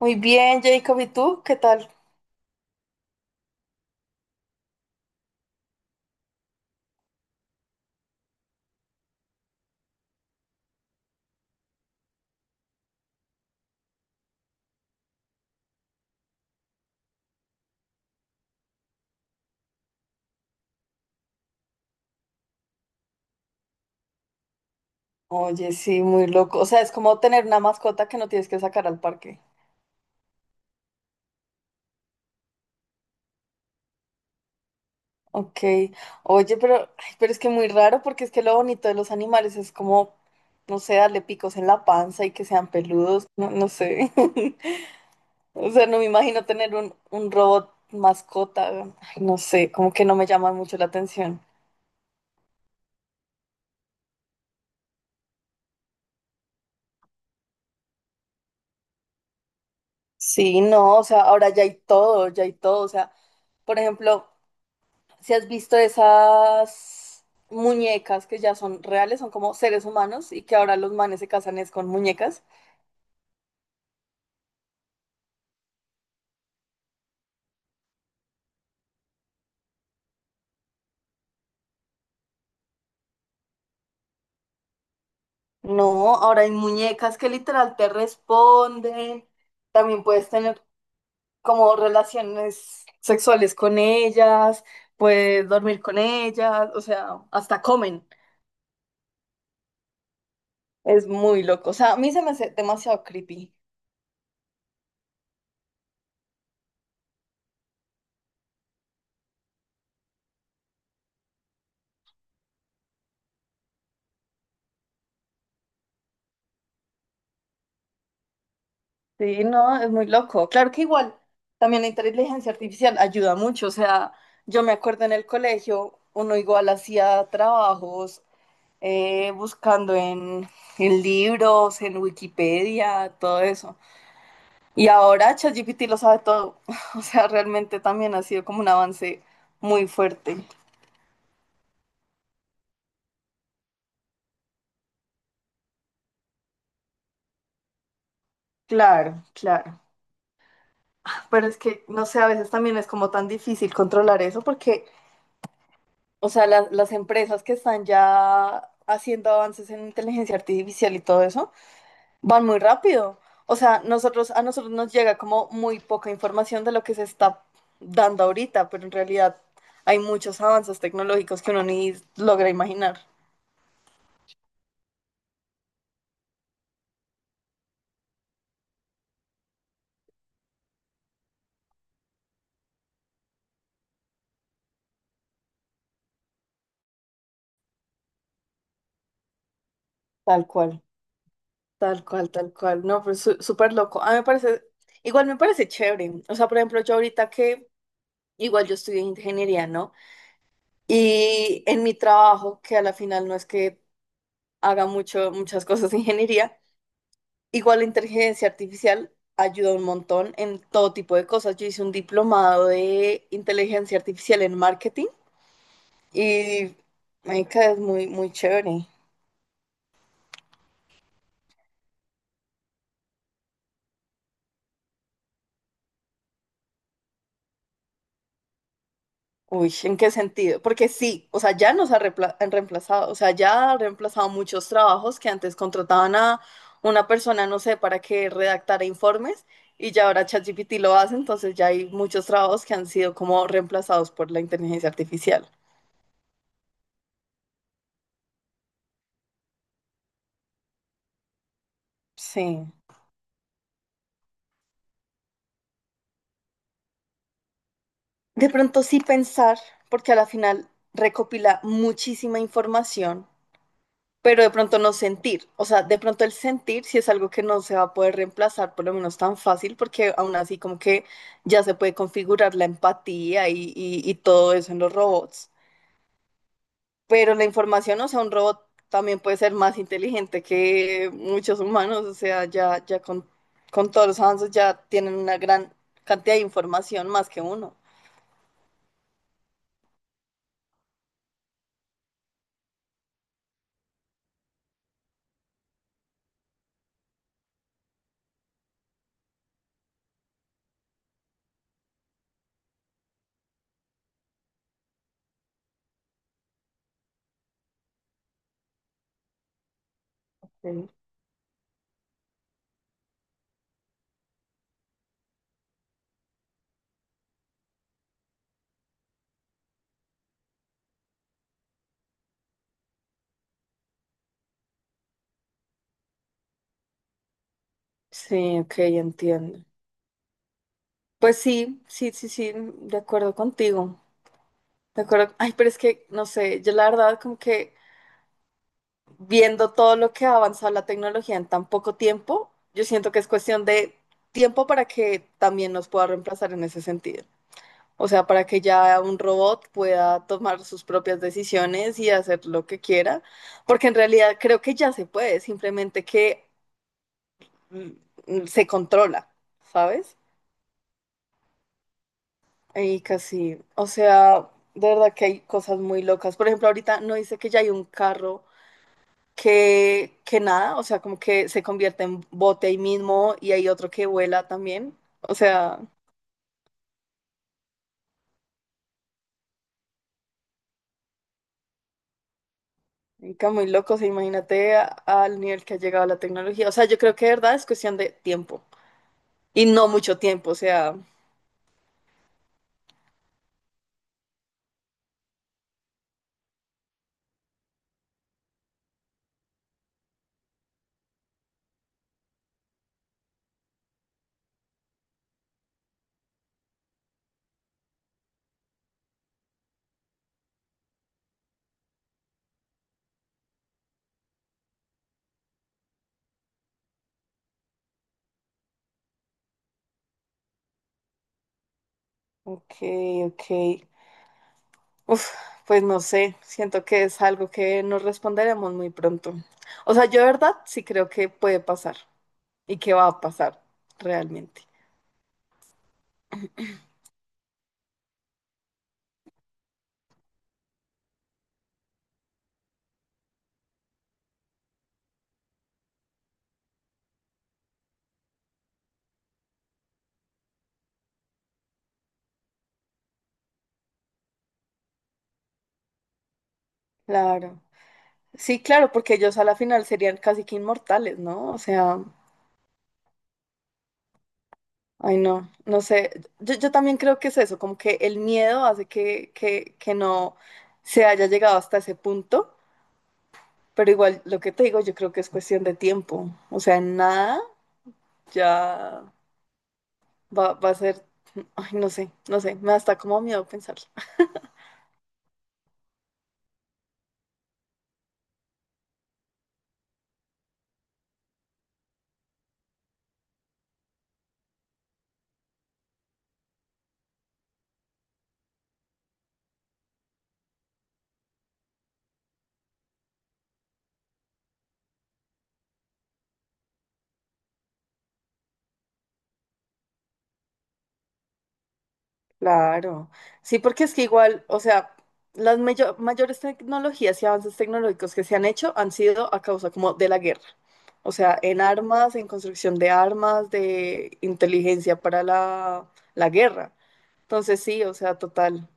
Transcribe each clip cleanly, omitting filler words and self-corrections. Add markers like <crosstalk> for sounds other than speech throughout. Muy bien, Jacob, ¿y tú? ¿Qué tal? Oye, sí, muy loco. O sea, es como tener una mascota que no tienes que sacar al parque. Ok. Oye, pero, ay, pero es que muy raro porque es que lo bonito de los animales es como, no sé, darle picos en la panza y que sean peludos. No, no sé. <laughs> O sea, no me imagino tener un robot mascota. Ay, no sé, como que no me llama mucho la atención. Sí, no, o sea, ahora ya hay todo, ya hay todo. O sea, por ejemplo. Si has visto esas muñecas que ya son reales, son como seres humanos y que ahora los manes se casan es con muñecas. No, ahora hay muñecas que literal te responden. También puedes tener como relaciones sexuales con ellas, puedes dormir con ellas, o sea, hasta comen. Es muy loco. O sea, a mí se me hace demasiado creepy. Sí, no, es muy loco. Claro que igual, también la inteligencia artificial ayuda mucho. O sea, yo me acuerdo en el colegio, uno igual hacía trabajos buscando en libros, en Wikipedia, todo eso. Y ahora ChatGPT lo sabe todo. <laughs> O sea, realmente también ha sido como un avance muy fuerte. Claro, claro. Pero es que, no sé, a veces también es como tan difícil controlar eso porque, o sea, las empresas que están ya haciendo avances en inteligencia artificial y todo eso, van muy rápido. O sea, nosotros, a nosotros nos llega como muy poca información de lo que se está dando ahorita, pero en realidad hay muchos avances tecnológicos que uno ni logra imaginar. Tal cual, tal cual, tal cual. No, pero súper loco. A mí me parece, igual me parece chévere. O sea, por ejemplo, yo ahorita que, igual yo estudié ingeniería, ¿no? Y en mi trabajo, que a la final no es que haga mucho, muchas cosas de ingeniería. Igual la inteligencia artificial ayuda un montón en todo tipo de cosas. Yo hice un diplomado de inteligencia artificial en marketing y marica, es muy, muy chévere. Uy, ¿en qué sentido? Porque sí, o sea, ya nos han reemplazado, o sea, ya ha reemplazado muchos trabajos que antes contrataban a una persona, no sé, para que redactara informes y ya ahora ChatGPT lo hace, entonces ya hay muchos trabajos que han sido como reemplazados por la inteligencia artificial. Sí, de pronto sí pensar, porque a la final recopila muchísima información, pero de pronto no sentir. O sea, de pronto el sentir sí es algo que no se va a poder reemplazar, por lo menos tan fácil, porque aún así como que ya se puede configurar la empatía y todo eso en los robots. Pero la información, o sea, un robot también puede ser más inteligente que muchos humanos, o sea, ya con todos los avances ya tienen una gran cantidad de información más que uno. Sí, ok, entiendo. Pues sí, sí, sí, sí, de acuerdo contigo. De acuerdo. Ay, pero es que, no sé, yo la verdad como que viendo todo lo que ha avanzado la tecnología en tan poco tiempo, yo siento que es cuestión de tiempo para que también nos pueda reemplazar en ese sentido. O sea, para que ya un robot pueda tomar sus propias decisiones y hacer lo que quiera, porque en realidad creo que ya se puede, simplemente que mm, se controla, ¿sabes? Y casi, o sea, de verdad que hay cosas muy locas. Por ejemplo, ahorita no dice que ya hay un carro que nada, o sea, como que se convierte en bote ahí mismo y hay otro que vuela también. O sea, está muy loco, o sea, imagínate al nivel que ha llegado la tecnología. O sea, yo creo que de verdad es cuestión de tiempo y no mucho tiempo, o sea, ok, ok. Uf, pues no sé, siento que es algo que nos responderemos muy pronto. O sea, yo de verdad sí creo que puede pasar. ¿Y qué va a pasar realmente? Claro. Sí, claro, porque ellos a la final serían casi que inmortales, ¿no? O sea, ay no, no sé. Yo también creo que es eso, como que el miedo hace que no se haya llegado hasta ese punto, pero igual lo que te digo, yo creo que es cuestión de tiempo. O sea, en nada ya va a ser, ay no sé, no sé, me da hasta como miedo pensarlo. Claro, sí, porque es que igual, o sea, las mayores tecnologías y avances tecnológicos que se han hecho han sido a causa como de la guerra, o sea, en armas, en construcción de armas, de inteligencia para la guerra. Entonces sí, o sea, total.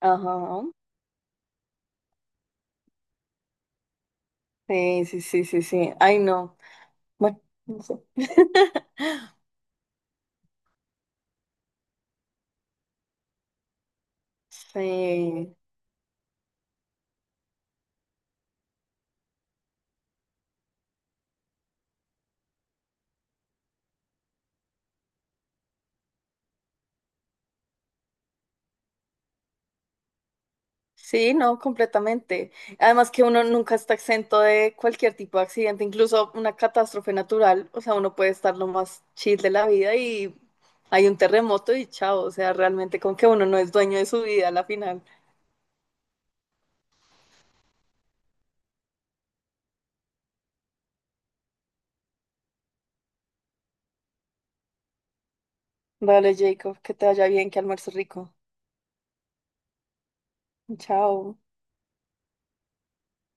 Ajá. Sí, sí, sí, sí, sí. Ay, no. Bueno, no sé. Sí. Sí, no, completamente. Además que uno nunca está exento de cualquier tipo de accidente, incluso una catástrofe natural. O sea, uno puede estar lo más chill de la vida y hay un terremoto y chao. O sea, realmente como que uno no es dueño de su vida a la final. Vale, Jacob, que te vaya bien, que almuerzo rico. Chao.